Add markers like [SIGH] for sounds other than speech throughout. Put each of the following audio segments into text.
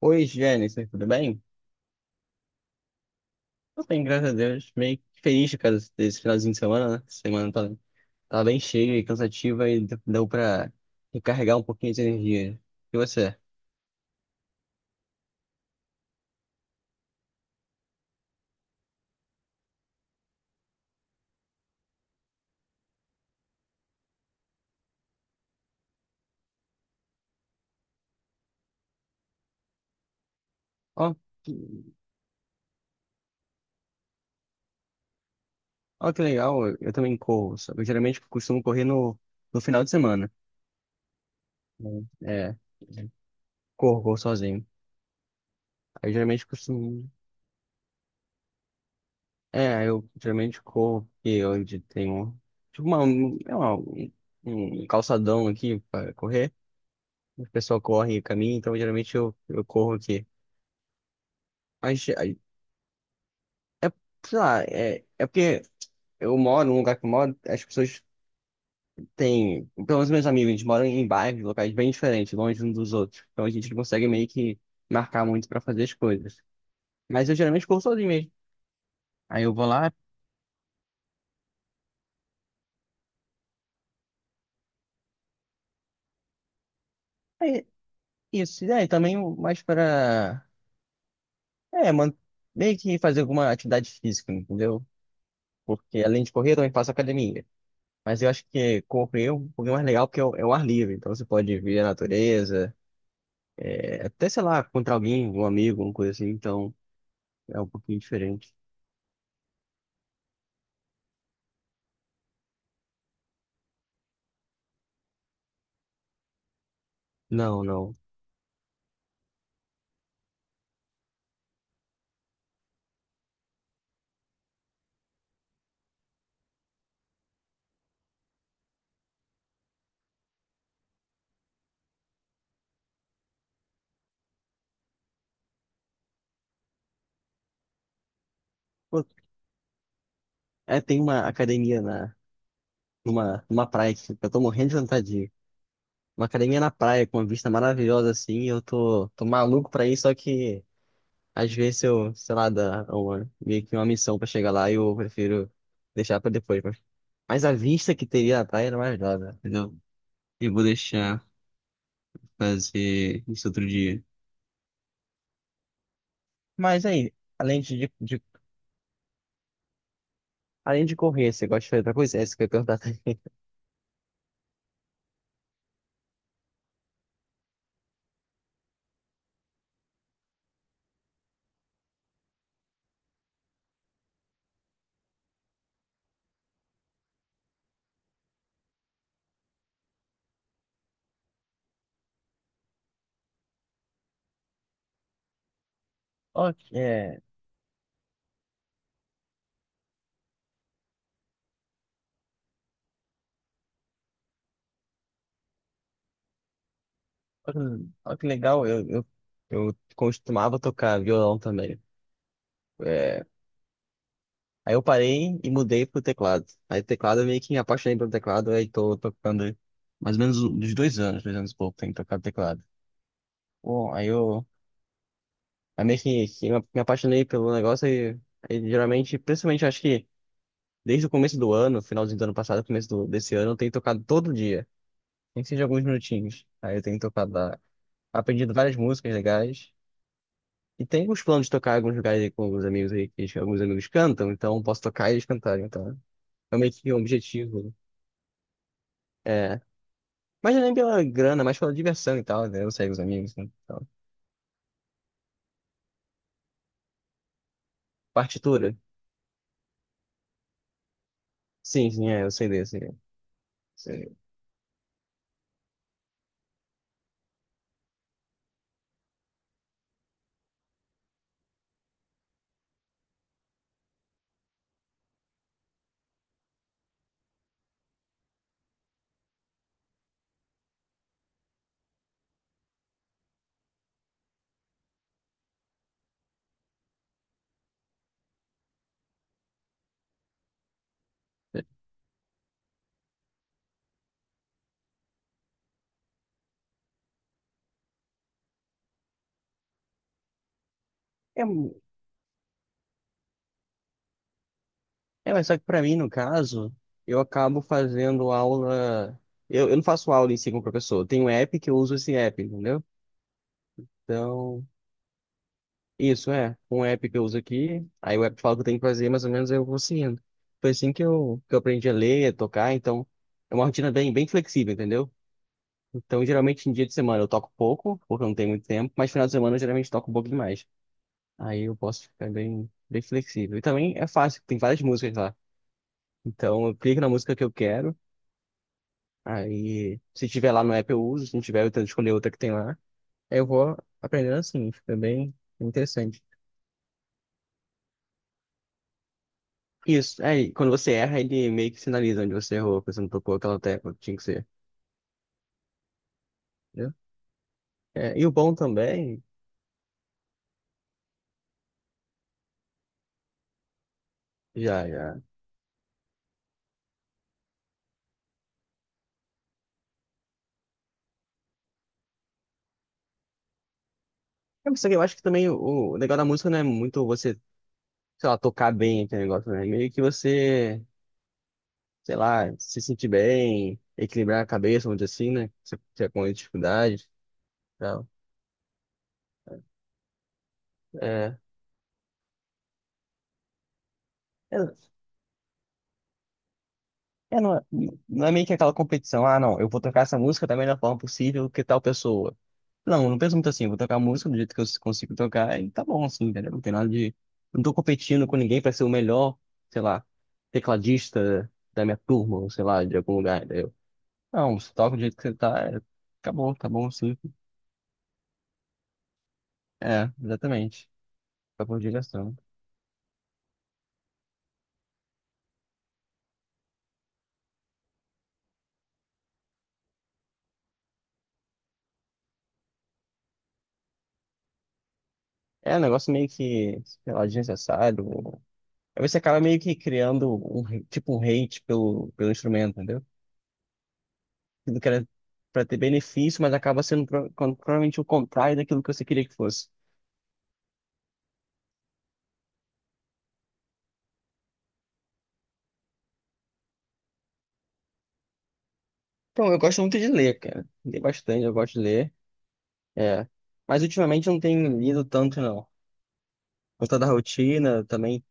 Oi, Jennifer, tudo bem? Tô bem, graças a Deus. Meio feliz por causa desse finalzinho de semana, né? Essa semana tá bem cheia e cansativa e deu pra recarregar um pouquinho de energia. E você? Ó, que- ó, que legal, eu também corro, sabe? Eu geralmente costumo correr no final de semana, né? É, corro, corro sozinho. Aí eu geralmente costumo. É, eu geralmente corro porque hoje tenho tipo uma, um- é uma, um um calçadão aqui pra correr. O pessoal corre e caminha, então geralmente eu corro aqui. Mas é- sei lá, é porque eu moro num lugar que eu moro, as pessoas têm, pelo menos meus amigos, eles moram em bairros, locais bem diferentes, longe uns dos outros. Então a gente não consegue meio que marcar muito pra fazer as coisas. Mas eu geralmente corro sozinho mesmo. Aí eu vou lá, é isso. E aí também mais pra, é, man, meio que fazer alguma atividade física, entendeu? Porque além de correr, eu também faço academia. Mas eu acho que correr é um pouquinho mais legal porque é o ar livre. Então você pode ver a natureza, é, até, sei lá, contra alguém, um amigo, alguma coisa assim. Então é um pouquinho diferente. Não, não. Pô, é, tem uma academia numa praia que eu tô morrendo de vontade de ir. Uma academia na praia com uma vista maravilhosa assim. E eu tô maluco pra ir, só que às vezes eu, sei lá, dá uma, meio que uma missão pra chegar lá e eu prefiro deixar pra depois. Mas a vista que teria na praia era maravilhosa, entendeu? E vou deixar fazer isso outro dia. Mas aí, além de correr, você gosta de fazer outra coisa? É que eu ia perguntar. [LAUGHS] Ó, que- é, ó, que ó que legal, eu costumava tocar violão também. É, aí eu parei e mudei pro teclado. Aí teclado eu meio que me apaixonei pelo teclado, aí tô tocando mais ou menos uns 2 anos, 2 anos e pouco, tenho tocado teclado. Bom, aí meio que me apaixonei pelo negócio, e geralmente, principalmente acho que desde o começo do ano, finalzinho do ano passado, desse ano, eu tenho tocado todo dia, nem que seja alguns minutinhos. Aí eu tenho tocado lá, aprendido várias músicas legais. E tenho os planos de tocar em alguns lugares aí com alguns amigos aí, que eles- alguns amigos cantam, então eu posso tocar e eles cantarem, então. É meio que um objetivo, né? É. Mas não é nem pela grana, mas pela diversão e tal, né? Eu saio com os amigos, né? Então, partitura. Sim, sim, é, eu sei desse, né? Sei. É, É, mas só que pra mim, no caso, eu acabo fazendo aula. Eu não faço aula em si com o professor. Tem um app que eu uso esse app, entendeu? Então, isso é. Um app que eu uso aqui, aí o app fala o que eu tenho que fazer, mais ou menos aí eu vou seguindo. Foi assim que eu aprendi a ler, a tocar, então é uma rotina bem, bem flexível, entendeu? Então, geralmente em dia de semana eu toco pouco, porque eu não tenho muito tempo, mas final de semana eu geralmente toco um pouco demais. Aí eu posso ficar bem, bem flexível. E também é fácil, tem várias músicas lá. Então, eu clico na música que eu quero. Aí, se tiver lá no app, eu uso. Se não tiver, eu tento escolher outra que tem lá. Aí eu vou aprendendo assim. Fica bem interessante. Isso. Aí, quando você erra, ele meio que sinaliza onde você errou, porque você não tocou aquela tecla que tinha que ser, entendeu? É, e o bom também, já, já. É, mas só que eu acho que também o legal da música não é muito você, sei lá, tocar bem aquele negócio, né? É meio que você, sei lá, se sentir bem, equilibrar a cabeça, vamos dizer assim, né? Você, você tá com dificuldade e tal. É. É, É, não, não é meio que aquela competição, ah, não, eu vou tocar essa música da melhor forma possível que tal pessoa. Não, eu não penso muito assim, eu vou tocar a música do jeito que eu consigo tocar e tá bom, assim, entendeu? Não tem nada de. Não tô competindo com ninguém pra ser o melhor, sei lá, tecladista da minha turma, ou sei lá, de algum lugar, entendeu? Não, você toca do jeito que você tá, é, acabou, tá bom, sim. É, exatamente. Tá por direção. É um negócio meio que, sei lá, desnecessário. Aí você acaba meio que criando um hate pelo, pelo instrumento, entendeu? Aquilo que era para ter benefício, mas acaba sendo provavelmente o contrário daquilo que você queria que fosse. Então, eu gosto muito de ler, cara. Leio bastante, eu gosto de ler. É. Mas ultimamente eu não tenho lido tanto, não. Por conta da rotina também.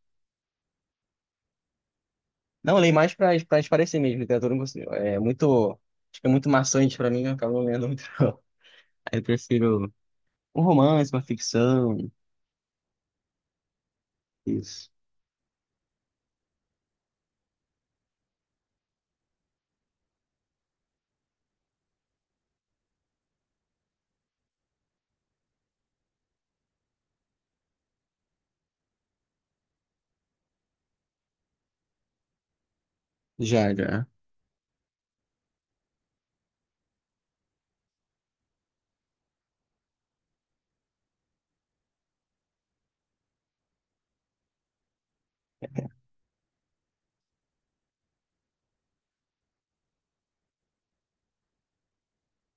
Não, eu leio mais para para espairecer mesmo. Literatura não consigo- é muito. Acho que é muito maçante para mim, eu acabo não lendo muito, não. [LAUGHS] Aí eu prefiro um romance, uma ficção. Isso. Já, já.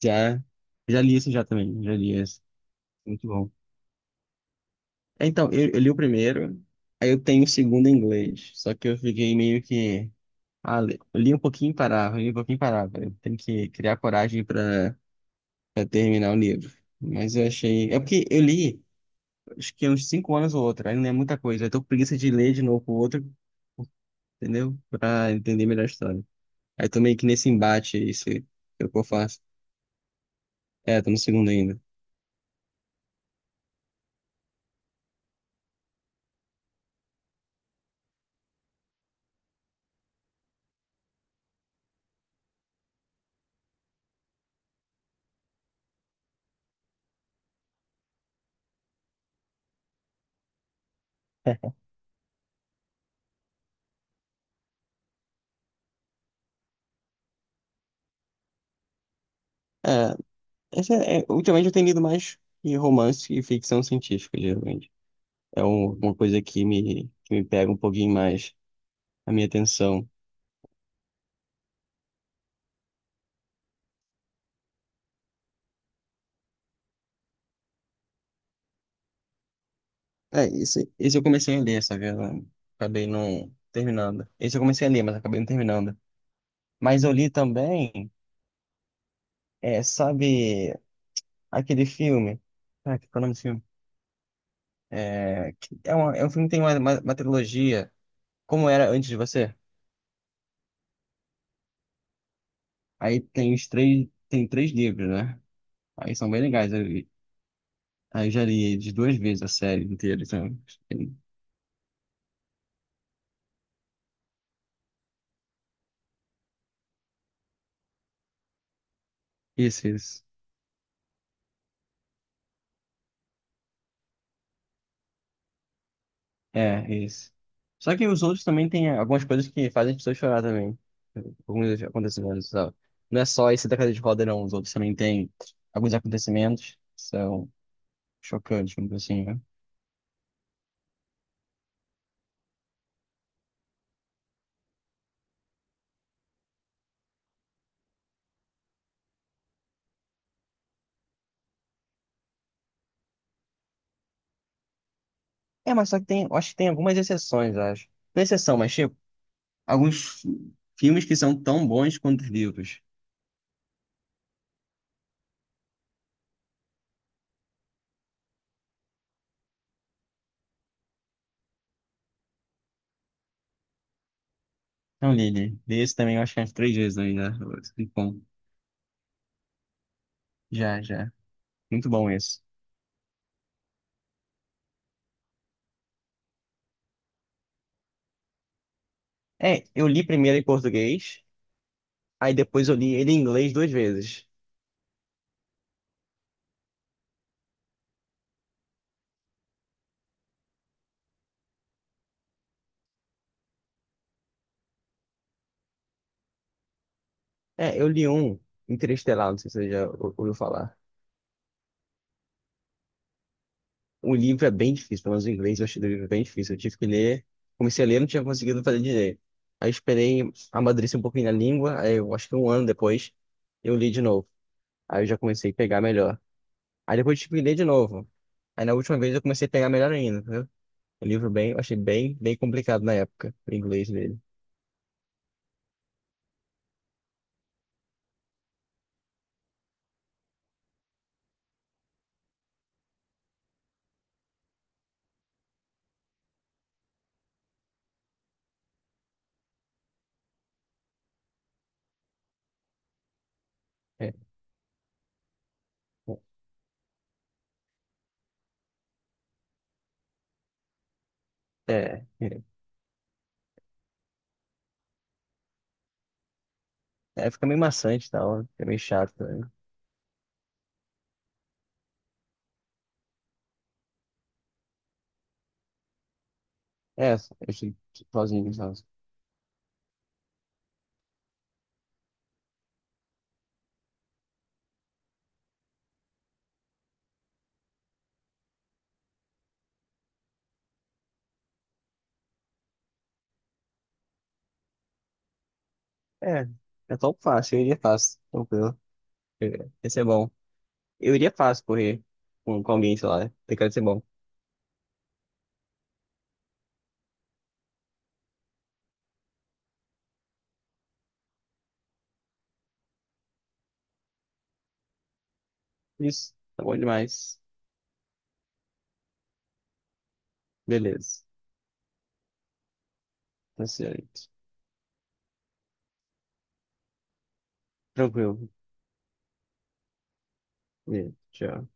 Já, já li isso já também. Já li isso. Muito bom. É, então, eu li o primeiro, aí eu tenho o segundo em inglês. Só que eu fiquei meio que. Ah, li, li um pouquinho e parava, li um pouquinho e parava. Eu tenho que criar coragem para terminar o livro. Mas eu achei. É porque eu li, acho que uns 5 anos ou outro, aí não é muita coisa. Eu tô com preguiça de ler de novo o outro, entendeu? Pra entender melhor a história. Aí tô meio que nesse embate aí, se é o que eu faço. É, tô no segundo ainda. [LAUGHS] É, ultimamente eu tenho lido mais de romance e ficção científica, geralmente. Uma coisa que me pega um pouquinho mais a minha atenção. É, esse eu comecei a ler, sabe? Eu acabei não terminando. Esse eu comecei a ler, mas acabei não terminando. Mas eu li também, é, sabe, aquele filme. Ah, que é o nome desse filme? É, que é, uma, é um filme que tem uma trilogia. Como era antes de você? Aí tem os três, tem três livros, né? Aí são bem legais. Eu, aí eu já li de duas vezes a série inteira. Então, isso, isso. É, isso. Só que os outros também têm algumas coisas que fazem as pessoas chorar também. Alguns acontecimentos, sabe? Não é só esse da cadeira de roda, não. Os outros também têm alguns acontecimentos que são chocantes, vamos dizer assim, né? É, mas só que tem, eu acho que tem algumas exceções, eu acho. Não é exceção, mas tipo, filmes que são tão bons quanto os livros. Então, li esse também, eu acho que é umas três vezes ainda. Muito bom, já, já. Muito bom esse. É, eu li primeiro em português, aí depois eu li ele em inglês duas vezes. É, eu li um Interestelar, não sei se você ouviu falar. O livro é bem difícil, pelo menos o inglês eu achei o livro bem difícil. Eu tive que ler, comecei a ler, não tinha conseguido fazer direito. Aí esperei amadurecer um pouquinho na língua, aí eu acho que um ano depois eu li de novo. Aí eu já comecei a pegar melhor. Aí depois eu tive que ler de novo. Aí na última vez eu comecei a pegar melhor ainda, entendeu? O livro bem, eu achei bem, bem complicado na época, o inglês dele. É, é, é, é, fica meio maçante e tal, fica meio chato também. É, eu fiquei sozinho, sabe? É, é tão fácil, eu iria fácil, tranquilo. Ia ser bom. Eu iria fácil correr com alguém, sei lá, tem cara de ser bom. Isso, tá bom demais. Beleza, tá certo. Tranquilo. Beleza, tchau.